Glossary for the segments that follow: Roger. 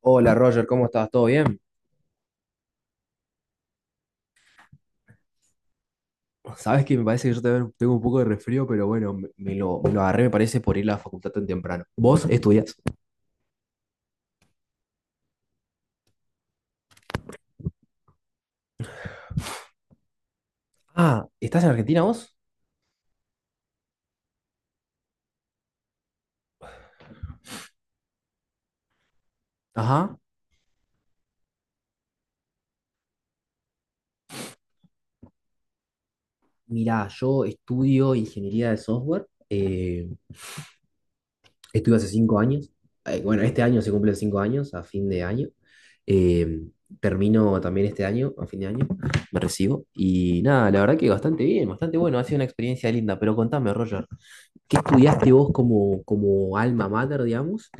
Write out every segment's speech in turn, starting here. Hola Roger, ¿cómo estás? ¿Todo bien? Sabes que me parece que yo tengo un poco de resfrío, pero bueno, me lo agarré, me parece, por ir a la facultad tan temprano. ¿Vos estudias? Ah, ¿estás en Argentina vos? Ajá. Mirá, yo estudio ingeniería de software. Estudio hace 5 años. Bueno, este año se cumplen 5 años, a fin de año. Eh, Termino también este año, a fin de año, me recibo. Y nada, la verdad que bastante bien, bastante bueno, ha sido una experiencia linda. Pero contame, Roger, ¿qué estudiaste vos como, como alma mater, digamos?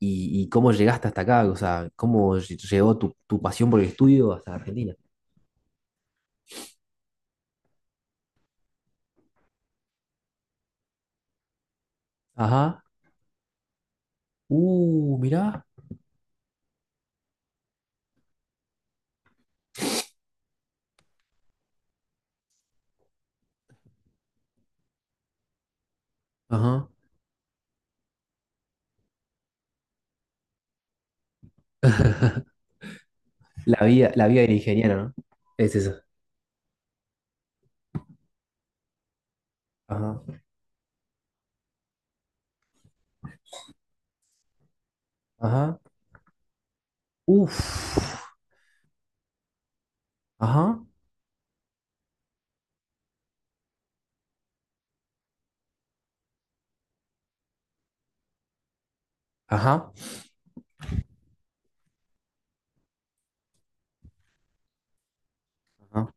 Y, ¿y cómo llegaste hasta acá? O sea, ¿cómo llegó tu pasión por el estudio hasta Argentina? Ajá. Mirá. Ajá. La vida del ingeniero, ¿no? Es eso. Ajá. Ajá. Uf. Ajá. Ajá. Ajá.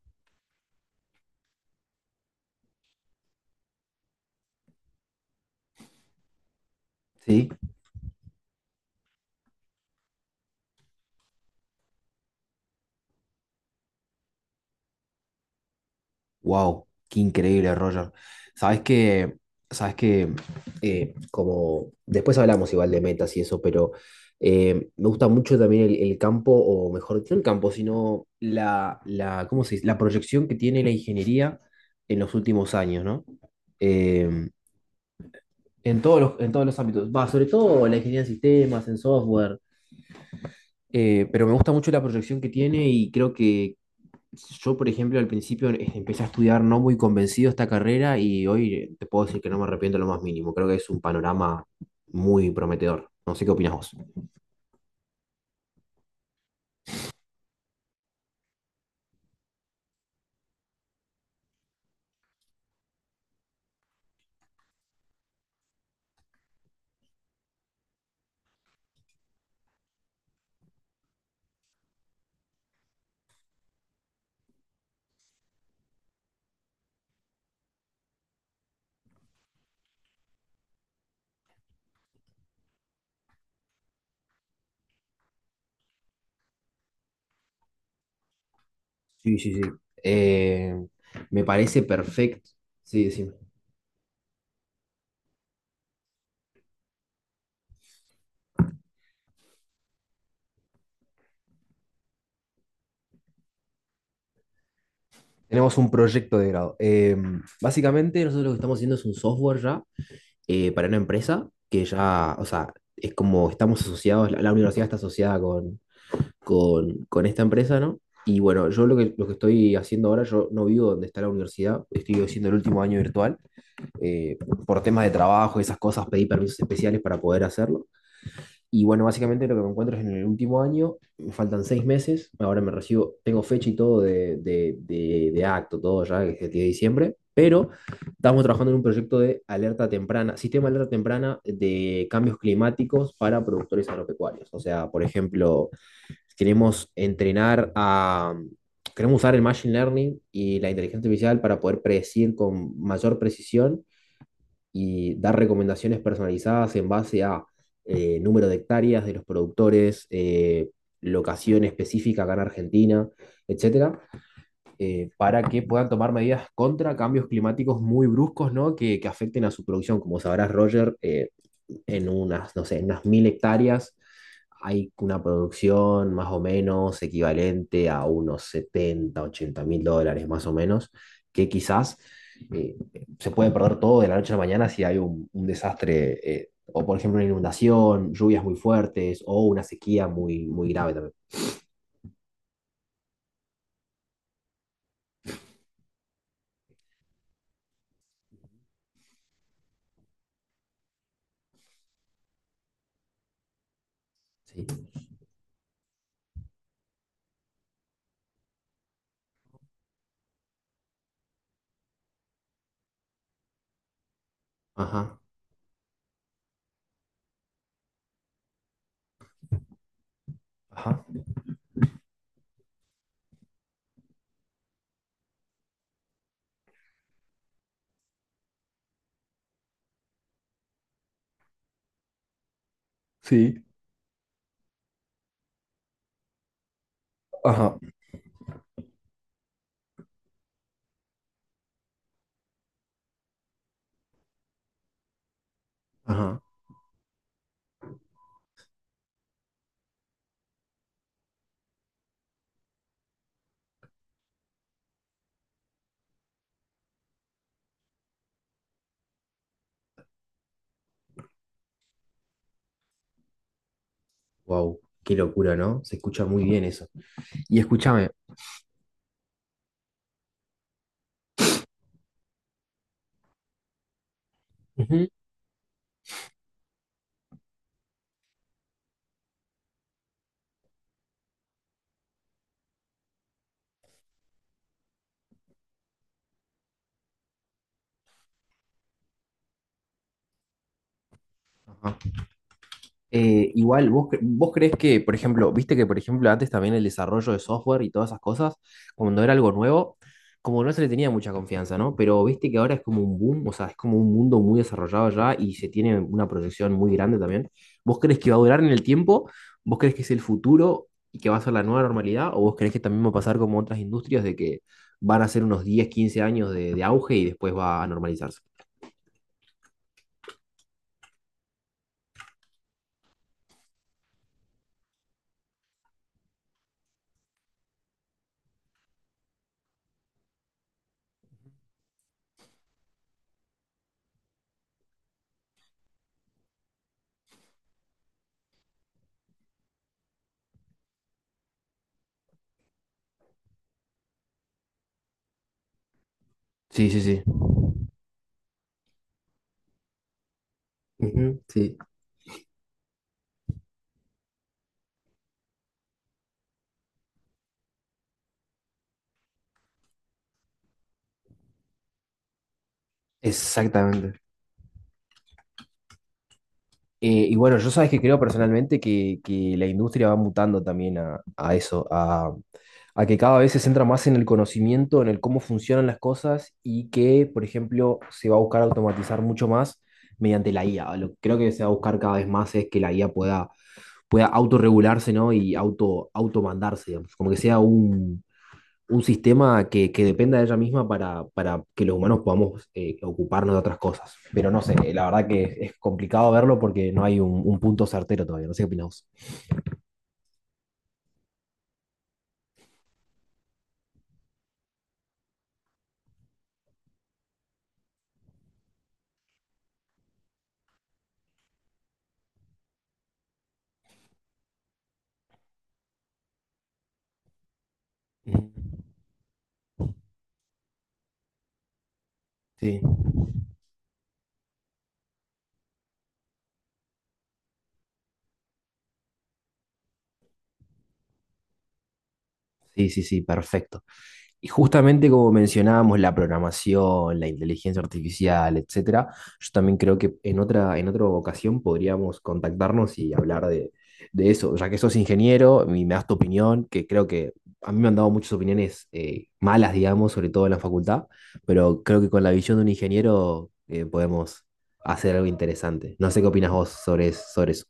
Sí. Wow, qué increíble, Roger. Sabes que, sabes que, Como después hablamos igual de metas y eso, pero me gusta mucho también el campo, o mejor, no el campo, sino ¿cómo se dice? La proyección que tiene la ingeniería en los últimos años, ¿no? Em, en en todos los ámbitos, va, sobre todo la ingeniería en sistemas, en software, pero me gusta mucho la proyección que tiene y creo que yo, por ejemplo, al principio empecé a estudiar no muy convencido esta carrera y hoy te puedo decir que no me arrepiento lo más mínimo. Creo que es un panorama muy prometedor. No sé qué opinas vos. Sí, sí, sí. Eh, Me parece perfecto. Sí, sí. Tenemos un proyecto de grado. Básicamente, nosotros lo que estamos haciendo es un software ya para una empresa que ya, o sea, es como estamos asociados, la universidad está asociada con esta empresa, ¿no? Y bueno, yo lo que estoy haciendo ahora, yo no vivo donde está la universidad, estoy haciendo el último año virtual. eh, por temas de trabajo, y esas cosas, pedí permisos especiales para poder hacerlo. Y bueno, básicamente lo que me encuentro es en el último año, me faltan 6 meses, ahora me recibo, tengo fecha y todo de acto, todo ya, que es el 10 de diciembre, pero estamos trabajando en un proyecto de alerta temprana, sistema de alerta temprana de cambios climáticos para productores agropecuarios. O sea, por ejemplo, queremos entrenar a... Queremos usar el Machine Learning y la inteligencia artificial para poder predecir con mayor precisión y dar recomendaciones personalizadas en base a número de hectáreas de los productores, locación específica acá en Argentina, etcétera, para que puedan tomar medidas contra cambios climáticos muy bruscos, ¿no? Que afecten a su producción. Como sabrás, Roger, en unas, no sé, en unas 1000 hectáreas hay una producción más o menos equivalente a unos 70 80 mil dólares más o menos, que quizás eh, se puede perder todo de la noche a la mañana si hay un desastre, o por ejemplo una inundación, lluvias muy fuertes o una sequía muy, muy grave también. Sí. Ajá, ajá, sí. Ah, ajá. Wow, qué locura, ¿no? Se escucha muy bien eso. Y escúchame. Ujú. Igual, vos crees que, por ejemplo, viste que, por ejemplo, antes también el desarrollo de software y todas esas cosas, cuando era algo nuevo, como no se le tenía mucha confianza, ¿no? Pero viste que ahora es como un boom, o sea, es como un mundo muy desarrollado ya y se tiene una proyección muy grande también. ¿Vos crees que va a durar en el tiempo? ¿Vos crees que es el futuro y que va a ser la nueva normalidad? ¿O vos crees que también va a pasar como otras industrias de que van a ser unos 10 15 años de auge y después va a normalizarse? Sí, sí, sí. Ujú, sí, exactamente. Y bueno, yo sabes que creo personalmente que la industria va mutando también a eso, a que cada vez se centra más en el conocimiento, en el cómo funcionan las cosas y que, por ejemplo, se va a buscar automatizar mucho más mediante la IA. Lo que creo que se va a buscar cada vez más es que la IA pueda, pueda autorregularse, ¿no? Y auto, automandarse, digamos. Como que sea un sistema que dependa de ella misma para que los humanos podamos ocuparnos de otras cosas. Pero no sé, la verdad que es complicado verlo porque no hay un punto certero todavía. No sé qué opinás vos. Mm, sí. Sí, sí, sí, perfecto. Y justamente como mencionábamos la programación, la inteligencia artificial, etcétera, yo también creo que en otra ocasión podríamos contactarnos y hablar de eso, ya que sos ingeniero y me das tu opinión, que creo que a mí me han dado muchas opiniones malas, digamos, sobre todo en la facultad, pero creo que con la visión de un ingeniero podemos hacer algo interesante. No sé qué opinas vos sobre, sobre eso.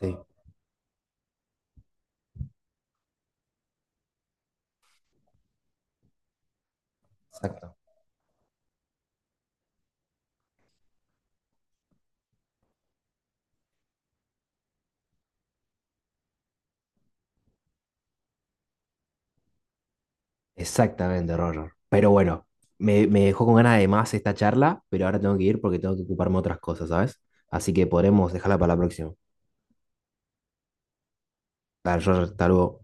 Sí, exacto. Exactamente, Roger. Pero bueno, me dejó con ganas de más esta charla, pero ahora tengo que ir porque tengo que ocuparme de otras cosas, ¿sabes? Así que podremos dejarla para la próxima. Dale, Roger, hasta luego.